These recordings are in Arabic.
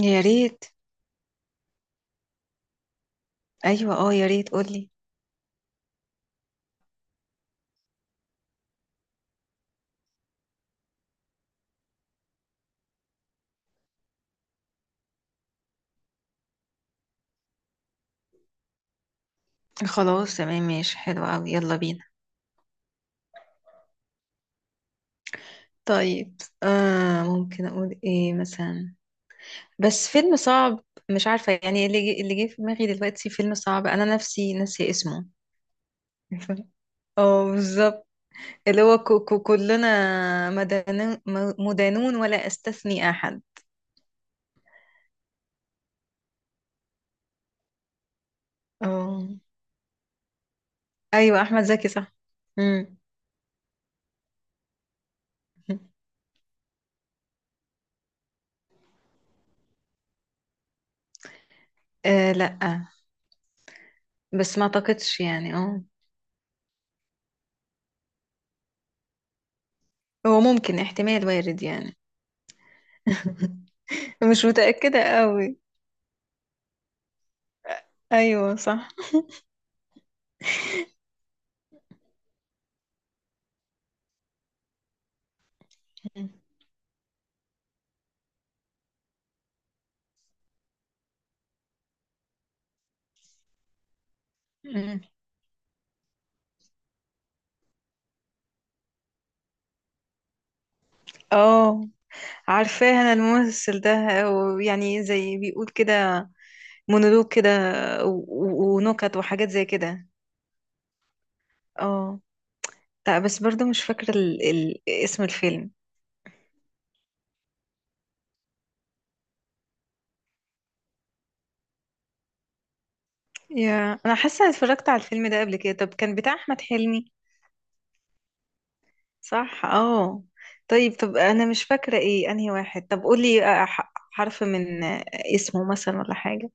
يا ريت. ايوه، اه يا ريت قولي. خلاص تمام ماشي حلو قوي يلا بينا. طيب ممكن اقول ايه مثلا؟ بس فيلم صعب. مش عارفه يعني اللي جه في دماغي دلوقتي فيلم صعب انا نفسي ناسي اسمه. اه بالظبط. اللي هو كو كو كلنا مدانون ولا استثني احد. اه ايوه احمد زكي صح. امم. آه لا، بس ما اعتقدش يعني اه. هو ممكن احتمال وارد يعني. مش متأكدة قوي. ايوه صح. مم. مم. اه عارفاه انا الممثل ده، ويعني زي بيقول كده مونولوج كده ونكت وحاجات زي كده. اه. لا بس برضو مش فاكرة اسم الفيلم. يا انا حاسة إني اتفرجت على الفيلم ده قبل كده، طب كان بتاع احمد حلمي؟ صح اه. طيب طب انا مش فاكرة ايه انهي واحد، طب قولي حرف من اسمه مثلا ولا حاجة.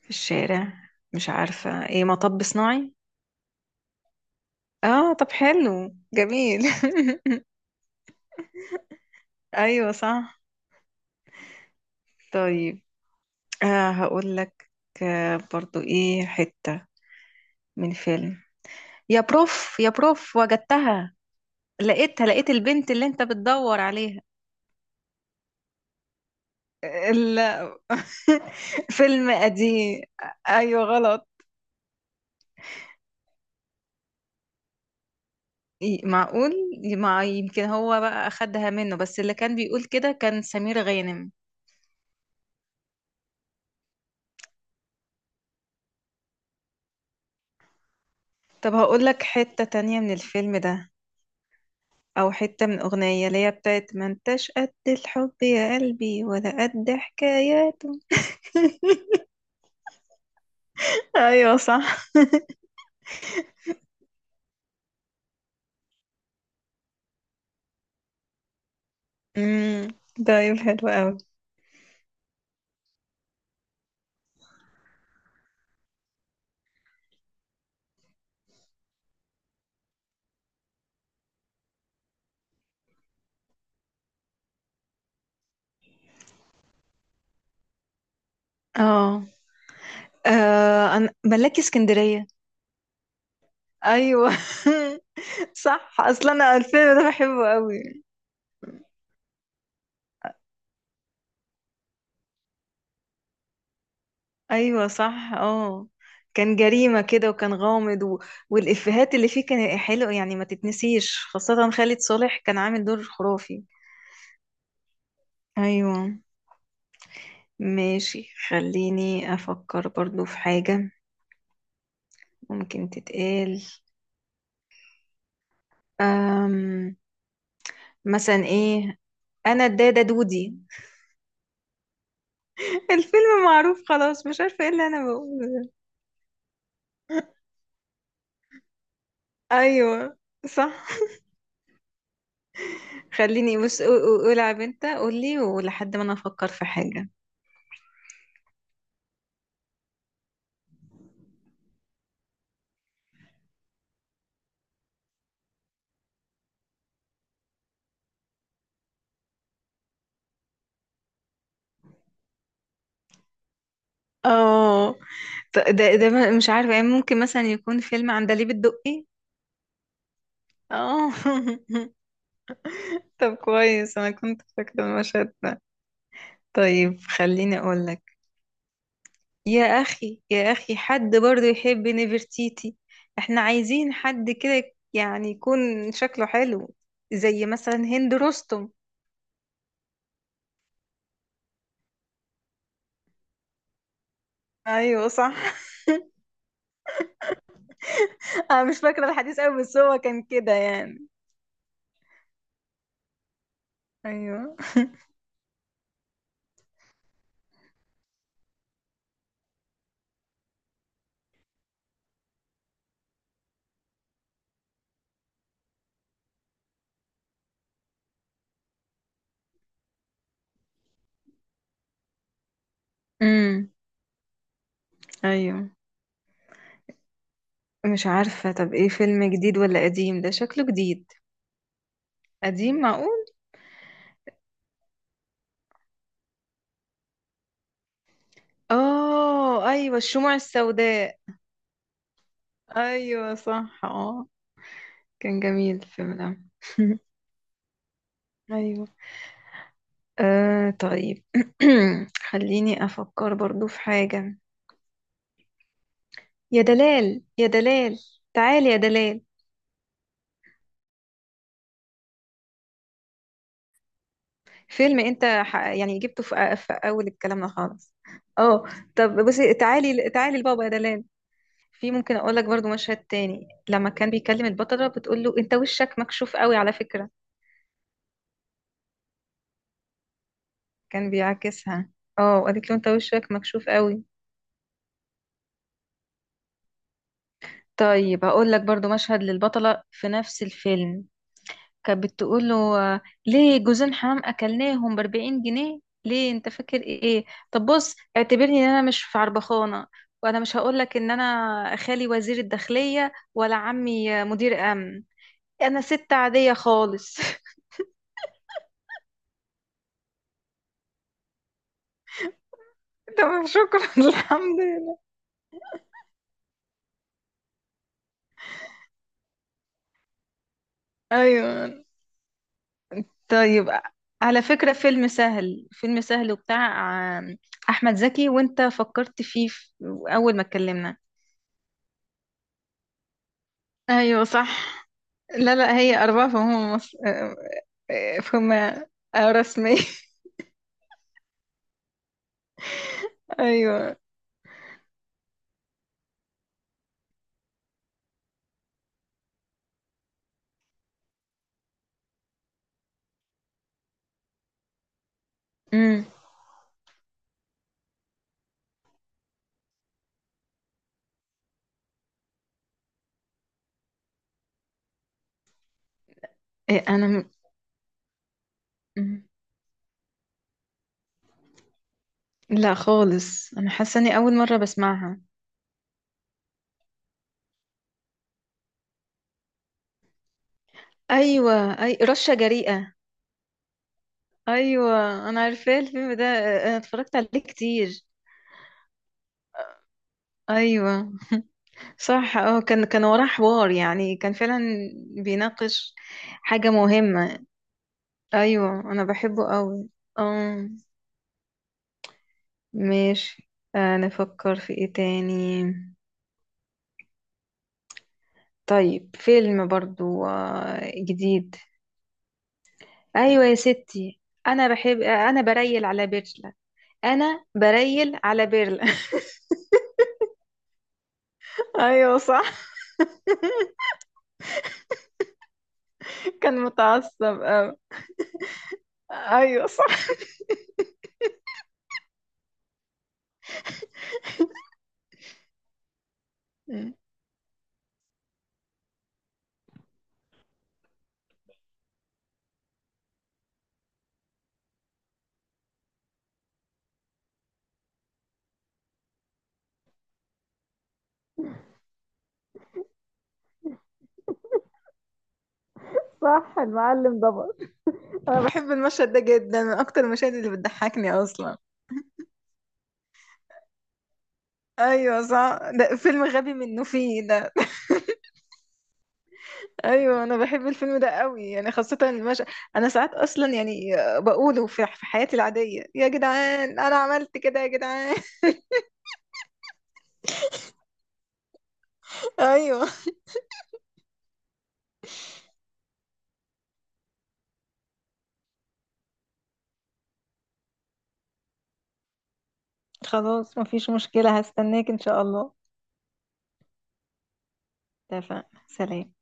في الشارع. مش عارفة ايه، مطب صناعي؟ اه طب حلو جميل. ايوه صح. طيب آه هقول لك، آه برضو ايه حتة من فيلم. يا بروف يا بروف وجدتها، لقيتها، لقيت البنت اللي انت بتدور عليها. ال... فيلم قديم. ايوه غلط. إيه، معقول؟ مع يمكن هو بقى اخدها منه، بس اللي كان بيقول كده كان سمير غانم. طب هقول لك حتة تانية من الفيلم ده، او حتة من اغنية اللي هي بتاعت ما انتش قد الحب يا قلبي ولا قد حكاياته. ايوه صح. امم. طيب حلو قوي. اه انا ملاكي اسكندرية. ايوه. صح اصلا انا الفيلم ده بحبه قوي. ايوه صح اه. كان جريمة كده وكان غامض والإفيهات اللي فيه كان حلو، يعني ما تتنسيش، خاصة خالد صالح كان عامل دور خرافي. ايوه. ماشي، خليني افكر برضو في حاجة ممكن تتقال. أم... مثلا ايه؟ انا الدادة دودي. الفيلم معروف خلاص، مش عارفة ايه اللي انا بقوله ده. ايوه صح. خليني بص قول على بنت، قول لي ولحد ما انا افكر في حاجة. اه ده مش عارفة يعني، ممكن مثلا يكون فيلم عندليب الدقي. اه طب كويس انا كنت فاكرة المشهد ده. طيب خليني اقول لك. يا أخي يا أخي حد برضو يحب نفرتيتي؟ احنا عايزين حد كده يعني يكون شكله حلو، زي مثلا هند رستم. ايوه صح. انا مش فاكره الحديث قوي، بس هو كان كده يعني. ايوه. امم. ايوه. مش عارفة، طب ايه، فيلم جديد ولا قديم؟ ده شكله جديد. قديم؟ معقول. اه ايوه الشموع السوداء. ايوه صح اه. كان جميل الفيلم ده. ايوه. آه طيب خليني أفكر برضو في حاجة. يا دلال يا دلال، تعال يا دلال. فيلم أنت يعني جبته في أول كلامنا خالص. اه. طب بصي تعالي تعالي لبابا يا دلال. في ممكن أقول لك برضو مشهد تاني، لما كان بيكلم البطلة بتقول له أنت وشك مكشوف قوي على فكرة. كان بيعاكسها. اه قالت له أنت وشك مكشوف قوي. طيب هقول لك برضو مشهد للبطلة في نفس الفيلم. كانت بتقول له آه، ليه جوزين حمام اكلناهم ب 40 جنيه؟ ليه انت فاكر ايه؟ طب بص اعتبرني ان انا مش في عربخانه، وانا مش هقول لك ان انا خالي وزير الداخليه ولا عمي مدير امن. انا ست عاديه خالص. تمام شكرا. الحمد لله. ايوه. طيب على فكره فيلم سهل، فيلم سهل وبتاع آه، احمد زكي، وانت فكرت فيه اول ما اتكلمنا. ايوه صح. لا لا هي أربعة فهم مصر. إيه، فما رسمي. ايوه. امم. إيه انا مم. لا خالص انا حاسه اني اول مره بسمعها. ايوه اي رشه جريئه. ايوه انا عارفاه الفيلم ده، انا اتفرجت عليه كتير. ايوه صح اه. كان وراه حوار، يعني كان فعلا بيناقش حاجه مهمه. ايوه انا بحبه قوي. اه ماشي. نفكر في ايه تاني؟ طيب فيلم برضو جديد. ايوه يا ستي. انا بحب انا بريل على بيرلا. انا بريل على بيرلا. ايوه صح. كان متعصب قوي. ايوه صح. مم. صح المعلم ضبط. انا بحب المشهد ده جدا، من اكتر المشاهد اللي بتضحكني اصلا. ايوه صح ده فيلم غبي منه فيه ده. ايوه انا بحب الفيلم ده قوي يعني، خاصه المشهد. انا ساعات اصلا يعني بقوله في حياتي العاديه، يا جدعان انا عملت كده يا جدعان. ايوه. خلاص مفيش مشكلة، هستناك إن شاء الله. اتفقنا، سلام.